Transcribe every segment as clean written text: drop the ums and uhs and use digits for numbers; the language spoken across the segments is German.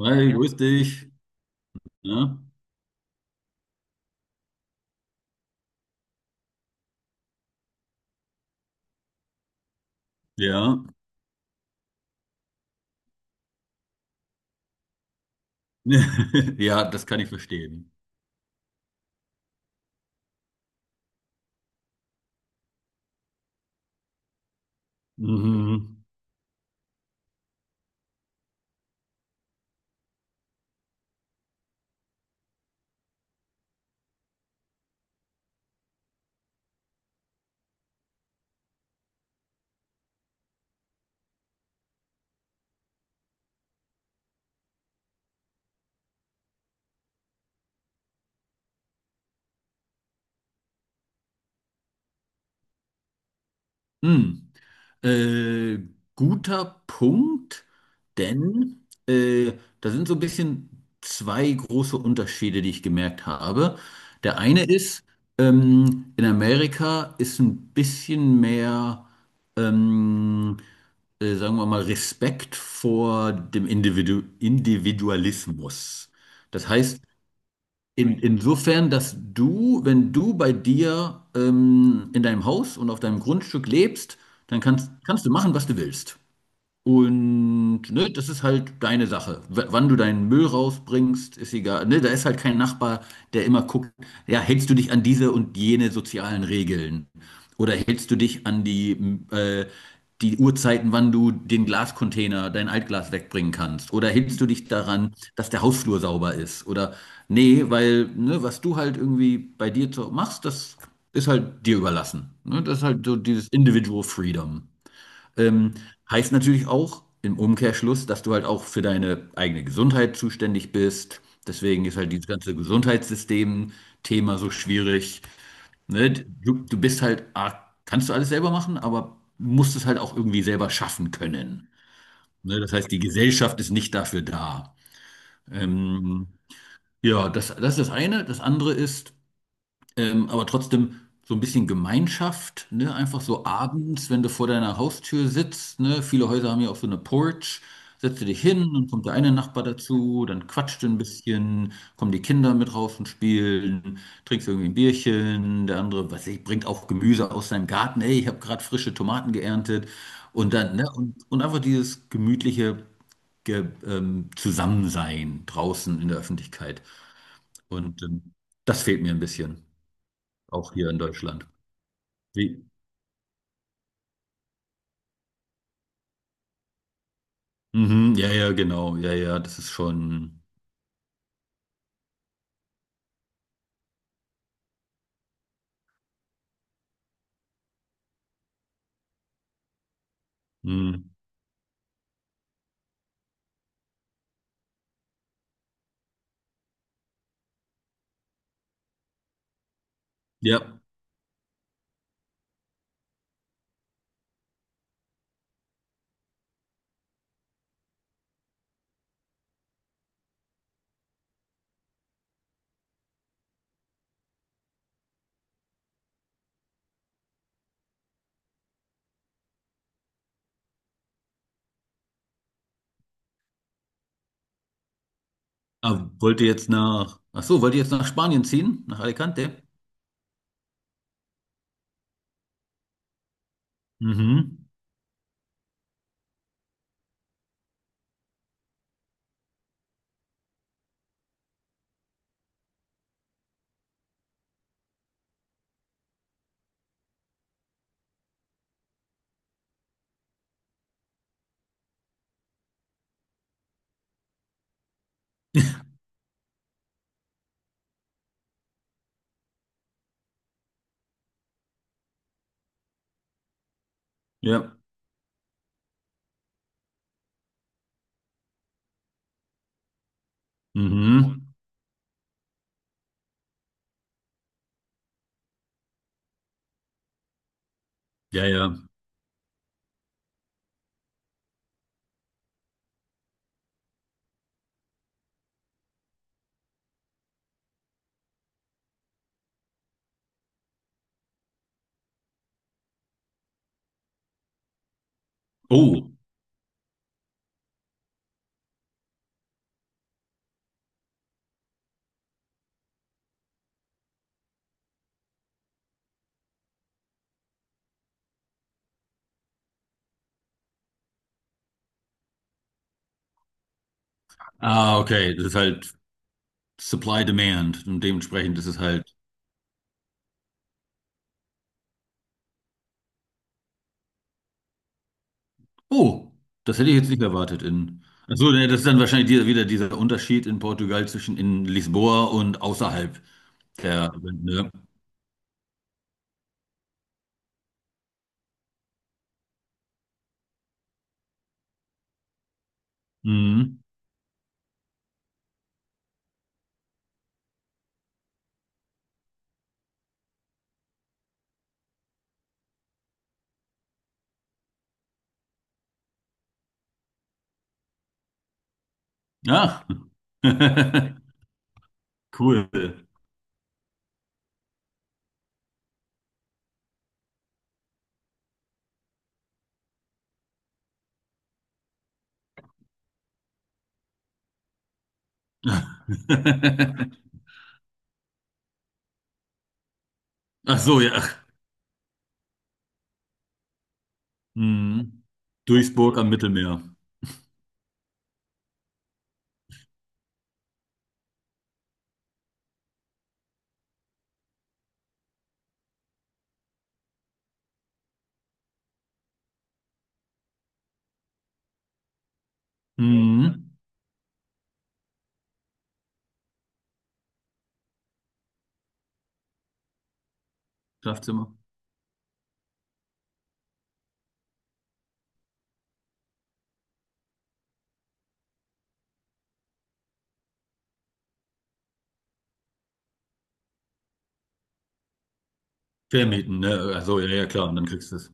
Hi, grüß dich. Ja, ja. Ja, das kann ich verstehen. Mhm. Hm. Äh, Guter Punkt, denn da sind so ein bisschen zwei große Unterschiede, die ich gemerkt habe. Der eine ist, in Amerika ist ein bisschen mehr, ähm, sagen wir mal, Respekt vor dem Individualismus. Das heißt, insofern, dass du, wenn du bei dir in deinem Haus und auf deinem Grundstück lebst, dann kannst du machen, was du willst. Und ne, das ist halt deine Sache. W Wann du deinen Müll rausbringst, ist egal. Ne, da ist halt kein Nachbar, der immer guckt, ja, hältst du dich an diese und jene sozialen Regeln? Oder hältst du dich an die Uhrzeiten, wann du den Glascontainer, dein Altglas wegbringen kannst? Oder hältst du dich daran, dass der Hausflur sauber ist? Oder nee, weil ne, was du halt irgendwie bei dir machst, das ist halt dir überlassen. Ne, das ist halt so dieses Individual Freedom. Ähm, Heißt natürlich auch im Umkehrschluss, dass du halt auch für deine eigene Gesundheit zuständig bist. Deswegen ist halt dieses ganze Gesundheitssystem-Thema so schwierig. Ne? Du bist halt, kannst du alles selber machen, aber musst es halt auch irgendwie selber schaffen können. Ne? Das heißt, die Gesellschaft ist nicht dafür da. Ähm, ja, das ist das eine. Das andere ist, aber trotzdem so ein bisschen Gemeinschaft, ne? Einfach so abends, wenn du vor deiner Haustür sitzt, ne? Viele Häuser haben ja auch so eine Porch. Setzt du dich hin und kommt der eine Nachbar dazu, dann quatscht du ein bisschen, kommen die Kinder mit raus und spielen, trinkst irgendwie ein Bierchen, der andere, was weiß ich, bringt auch Gemüse aus seinem Garten, ey, ich habe gerade frische Tomaten geerntet und dann, ne, und einfach dieses gemütliche Ge Zusammensein draußen in der Öffentlichkeit und das fehlt mir ein bisschen. Auch hier in Deutschland. Wie? Mhm, ja, ja, genau. Ja, ja, das ist schon. Mhm. Ja. Ah, wollt ihr jetzt nach. Ach so, wollt ihr jetzt nach Spanien ziehen? Nach Alicante? Mhm. Ja. Mhm. Ja, ja. Oh. Ah, okay. Das ist halt Supply Demand. Und dementsprechend ist es halt. Oh, das hätte ich jetzt nicht erwartet in. Ach so, ne, das ist dann wahrscheinlich dieser, wieder dieser Unterschied in Portugal zwischen in Lisboa und außerhalb der. Ne? Mhm. Ja. Cool. Ach so, ja. Mhm. Duisburg am Mittelmeer. Mhm. Schlafzimmer. Vermieten, ne? Ach so, ja, ja, klar. Und dann kriegst du es.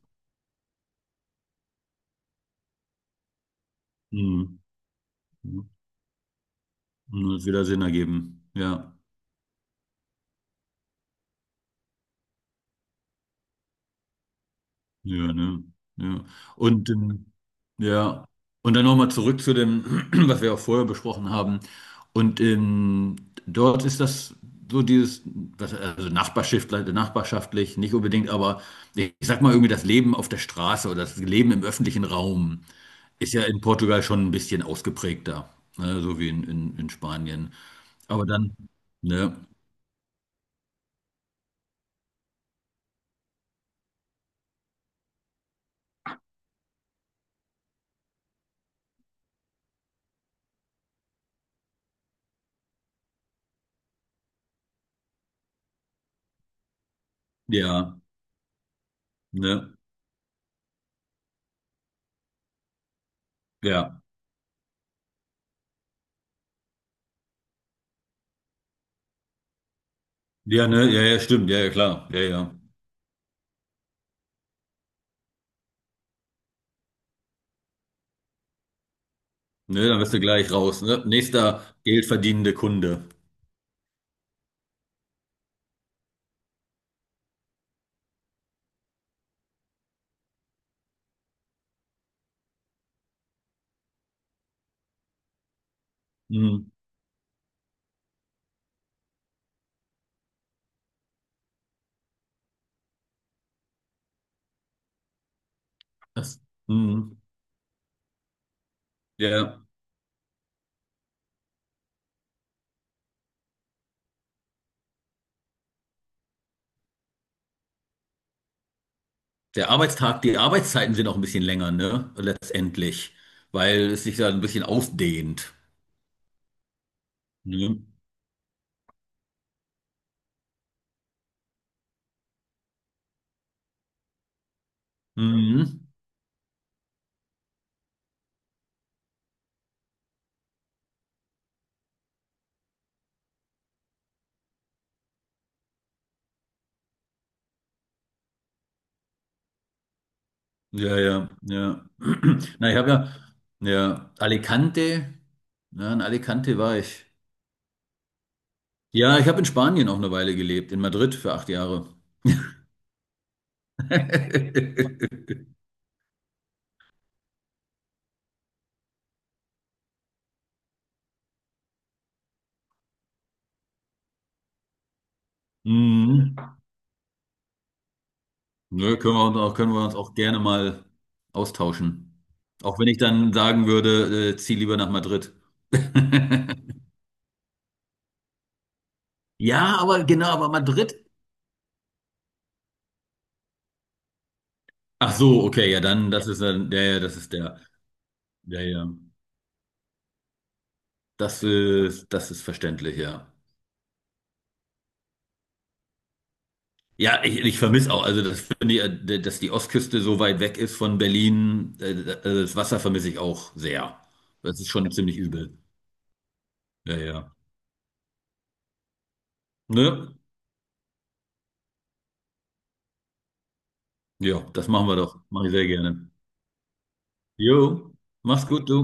Mhm. Mhm. Und das wird wieder Sinn ergeben. Ja. Ja, ne? Ja. Und ja, und dann nochmal zurück zu dem, was wir auch vorher besprochen haben. Und dort ist das so dieses, was, also nachbarschaftlich, nachbarschaftlich, nicht unbedingt, aber ich sag mal irgendwie das Leben auf der Straße oder das Leben im öffentlichen Raum ist ja in Portugal schon ein bisschen ausgeprägter, ne? So wie in Spanien. Aber dann, ne? Ja, ne? Ja. Ja, ne? Ja, ja, stimmt. Ja, ja, klar. Ja, ja. Ne, dann bist du gleich raus. Ne? Nächster geldverdienende Kunde. Hm. Das, hm. Der, Der Arbeitstag, die Arbeitszeiten sind auch ein bisschen länger, ne? Letztendlich. Weil es sich da ein bisschen ausdehnt. Ne? Mhm. Ja, ja, ja. Na, ja, Alicante. Ja, in Alicante war ich. Ja, ich habe in Spanien auch eine Weile gelebt, in Madrid für 8 Jahre. Mhm. Nö, können wir uns auch gerne mal austauschen. Auch wenn ich dann sagen würde, zieh lieber nach Madrid. Ja, aber genau, aber Madrid. Ach so, okay, ja, das ist dann, das ist ja. Das ist verständlich, ja. Ja, ich vermisse auch, also das finde ich, dass die Ostküste so weit weg ist von Berlin, also das Wasser vermisse ich auch sehr. Das ist schon ziemlich übel. Ja, ja. Ne? Ja, das machen wir doch. Mache ich sehr gerne. Jo, mach's gut, du.